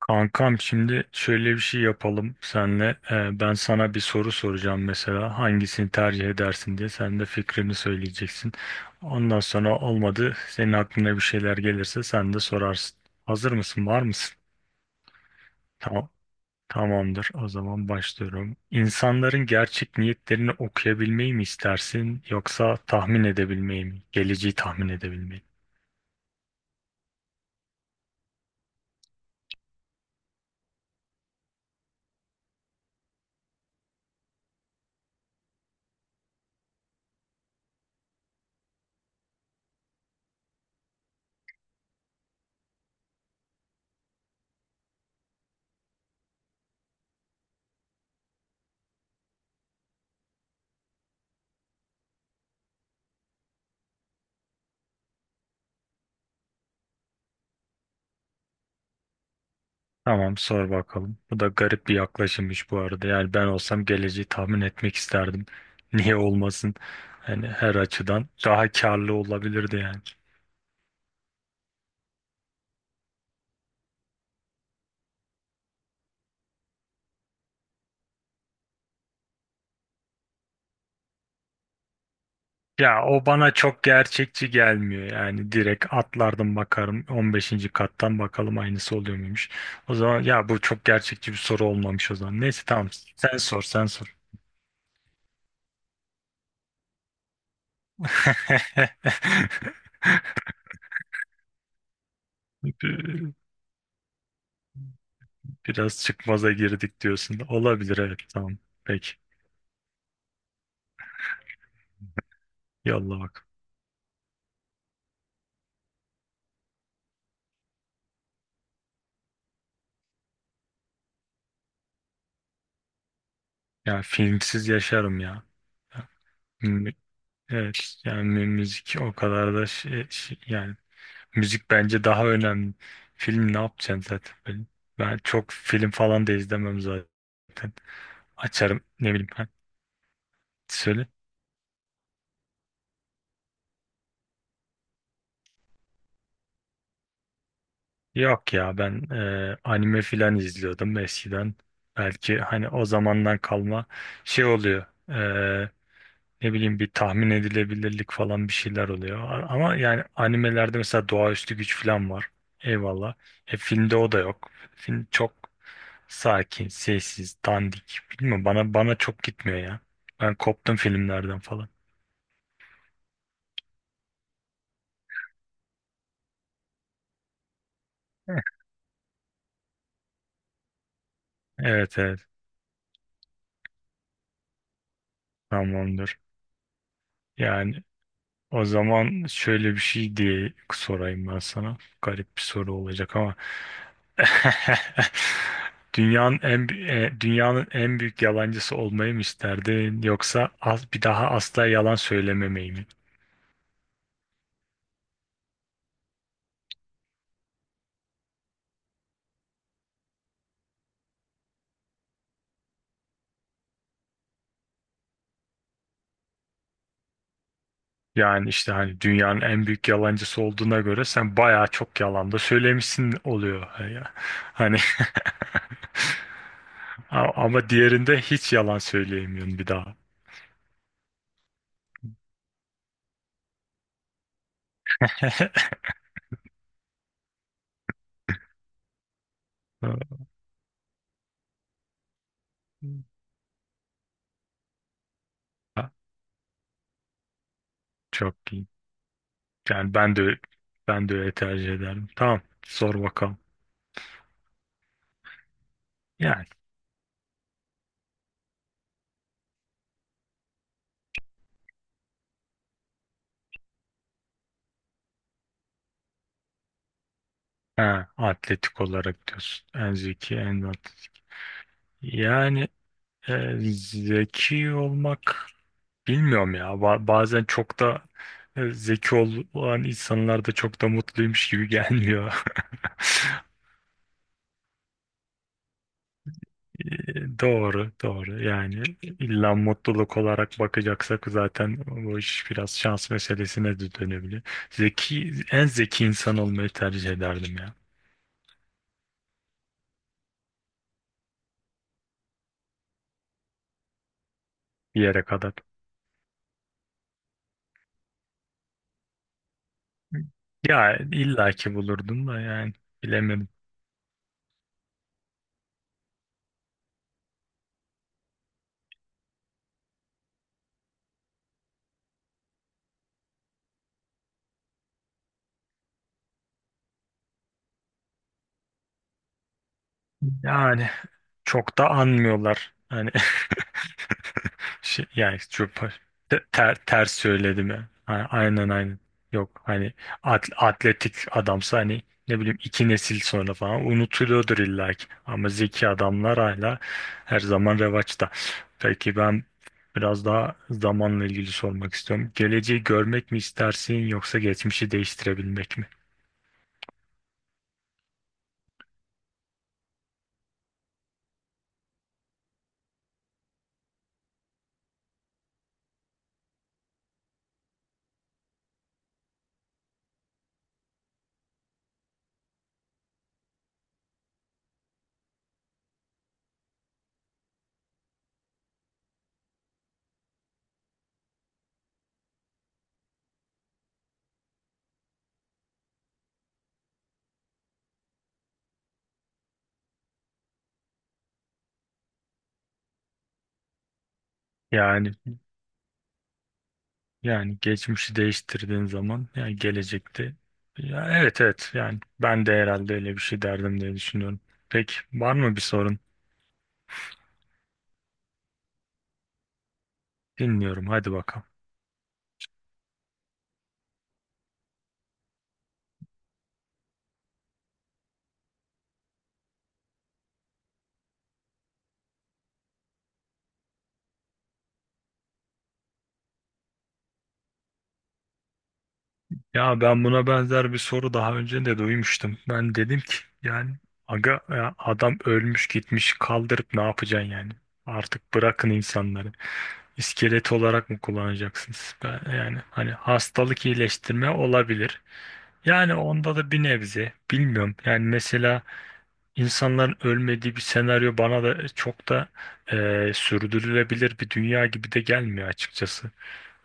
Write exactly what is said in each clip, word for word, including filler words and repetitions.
Kankam, şimdi şöyle bir şey yapalım senle. Ee, ben sana bir soru soracağım, mesela hangisini tercih edersin diye sen de fikrini söyleyeceksin. Ondan sonra olmadı, senin aklına bir şeyler gelirse sen de sorarsın. Hazır mısın? Var mısın? Tamam. Tamamdır. O zaman başlıyorum. İnsanların gerçek niyetlerini okuyabilmeyi mi istersin, yoksa tahmin edebilmeyi mi? Geleceği tahmin edebilmeyi. Tamam, sor bakalım. Bu da garip bir yaklaşımmış bu arada. Yani ben olsam geleceği tahmin etmek isterdim. Niye olmasın? Hani her açıdan daha karlı olabilirdi yani. Ya, o bana çok gerçekçi gelmiyor. Yani direkt atlardım, bakarım on beşinci kattan, bakalım aynısı oluyor muymuş. O zaman ya, bu çok gerçekçi bir soru olmamış o zaman. Neyse, tamam, sen sor, sen sor. Biraz çıkmaza girdik diyorsun. Olabilir, evet, tamam. Peki, yolla bakalım. Ya filmsiz yaşarım ya. Ya, mü- evet, yani mü- müzik o kadar da şey, şey- yani, müzik bence daha önemli. Film ne yapacaksın zaten? Ben, ben çok film falan da izlemem zaten. Açarım, ne bileyim ben. Söyle. Yok ya, ben e, anime filan izliyordum eskiden. Belki hani o zamandan kalma şey oluyor. e, ne bileyim, bir tahmin edilebilirlik falan bir şeyler oluyor. A- Ama yani animelerde mesela doğaüstü güç falan var. Eyvallah. E, filmde o da yok. Film çok sakin, sessiz, dandik. Bilmiyorum, bana bana çok gitmiyor ya. Ben koptum filmlerden falan. Heh. Evet, evet, tamamdır. Yani o zaman şöyle bir şey diye sorayım ben sana. Garip bir soru olacak ama Dünyanın en e, dünyanın en büyük yalancısı olmayı mı isterdin, yoksa az bir daha asla yalan söylememeyi mi? Yani işte, hani dünyanın en büyük yalancısı olduğuna göre sen bayağı çok yalan da söylemişsin oluyor ya. Hani A- ama diğerinde hiç yalan söyleyemiyorsun bir daha. Ha, çok iyi. Yani ben de ben de öyle tercih ederim. Tamam, sor bakalım. Yani, ha, atletik olarak diyorsun. En zeki, en atletik. Yani e, zeki olmak, bilmiyorum ya. Ba- bazen çok da e, zeki olan insanlar da çok da mutluymuş gibi gelmiyor. E, Doğru, doğru. Yani illa mutluluk olarak bakacaksak zaten bu iş biraz şans meselesine de dönebilir. Zeki, en zeki insan olmayı tercih ederdim ya. Bir yere kadar. Ya illaki ki bulurdum da yani, bilemedim. Yani çok da anmıyorlar. Hani şey, yani çok te- ter, ters söyledim ya. A- Aynen aynen. Yok, hani at- atletik adamsa, hani ne bileyim, iki nesil sonra falan unutuluyordur illa ki. Ama zeki adamlar hala her zaman revaçta. Peki ben biraz daha zamanla ilgili sormak istiyorum. Geleceği görmek mi istersin, yoksa geçmişi değiştirebilmek mi? Yani Yani geçmişi değiştirdiğin zaman, yani gelecekte, ya, evet, evet, yani ben de herhalde öyle bir şey derdim diye düşünüyorum. Peki, var mı bir sorun? Dinliyorum, hadi bakalım. Ya, ben buna benzer bir soru daha önce de duymuştum. Ben dedim ki yani, aga ya, adam ölmüş gitmiş, kaldırıp ne yapacaksın yani? Artık bırakın insanları. İskelet olarak mı kullanacaksınız? Ben, yani hani hastalık iyileştirme olabilir. Yani onda da bir nebze bilmiyorum. Yani mesela İnsanların ölmediği bir senaryo bana da çok da e, sürdürülebilir bir dünya gibi de gelmiyor açıkçası.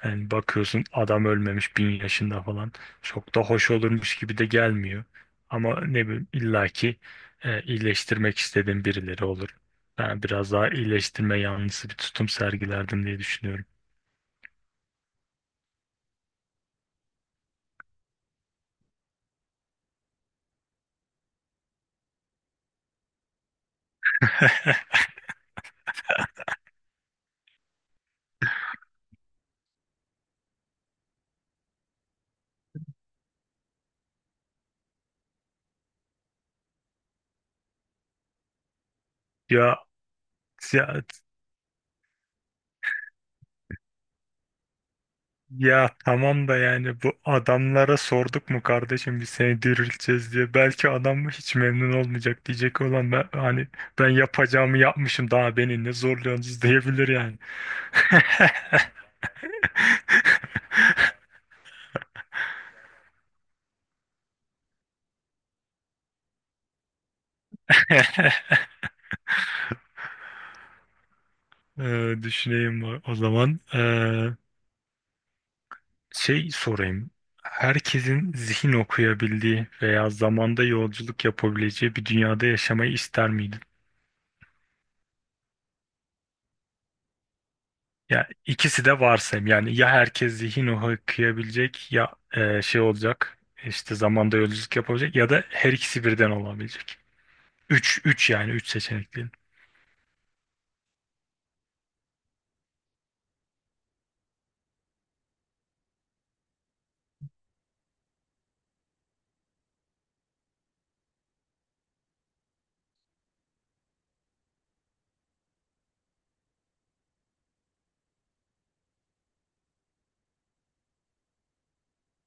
Yani bakıyorsun adam ölmemiş, bin yaşında falan, çok da hoş olurmuş gibi de gelmiyor. Ama ne bileyim, illaki e, iyileştirmek istediğim birileri olur. Ben biraz daha iyileştirme yanlısı bir tutum sergilerdim diye düşünüyorum. Ya, ya, ya tamam da, yani bu adamlara sorduk mu kardeşim biz seni dirilteceğiz diye. Belki adam hiç memnun olmayacak, diyecek olan ben, hani, ben yapacağımı yapmışım, daha beni ne zorluyorsunuz, diyebilir yani. Ee, düşüneyim o o zaman. Ee, Şey sorayım. Herkesin zihin okuyabildiği veya zamanda yolculuk yapabileceği bir dünyada yaşamayı ister miydin? Ya, ikisi de varsayım. Yani ya herkes zihin okuyabilecek, ya e, şey olacak. İşte zamanda yolculuk yapabilecek ya da her ikisi birden olabilecek. Üç, üç yani, üç seçenekli.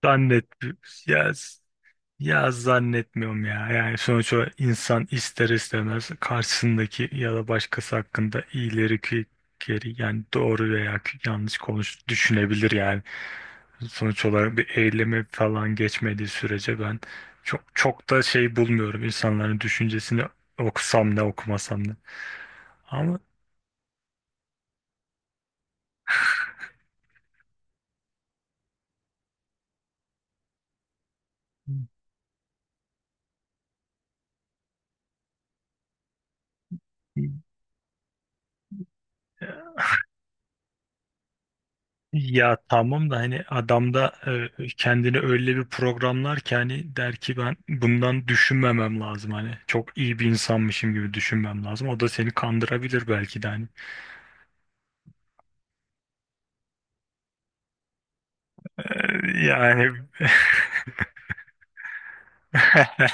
Zannet. Ya Ya zannetmiyorum ya. Yani sonuçta insan ister istemez karşısındaki ya da başkası hakkında iyileri ki, geri yani doğru veya ki yanlış konuş düşünebilir yani. Sonuç olarak bir eyleme falan geçmediği sürece ben çok çok da şey bulmuyorum, insanların düşüncesini okusam ne, okumasam ne. Ama, ya tamam da, hani adam da e, kendini öyle bir programlar ki hani der ki ben bundan düşünmemem lazım, hani çok iyi bir insanmışım gibi düşünmem lazım. O da seni kandırabilir belki de, hani. E, yani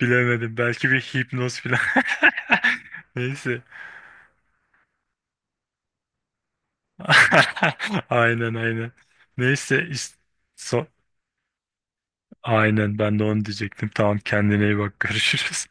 bilemedim, belki bir hipnoz falan. Neyse. Aynen, aynen. Neyse, is- so- aynen, ben de onu diyecektim. Tamam, kendine iyi bak görüşürüz.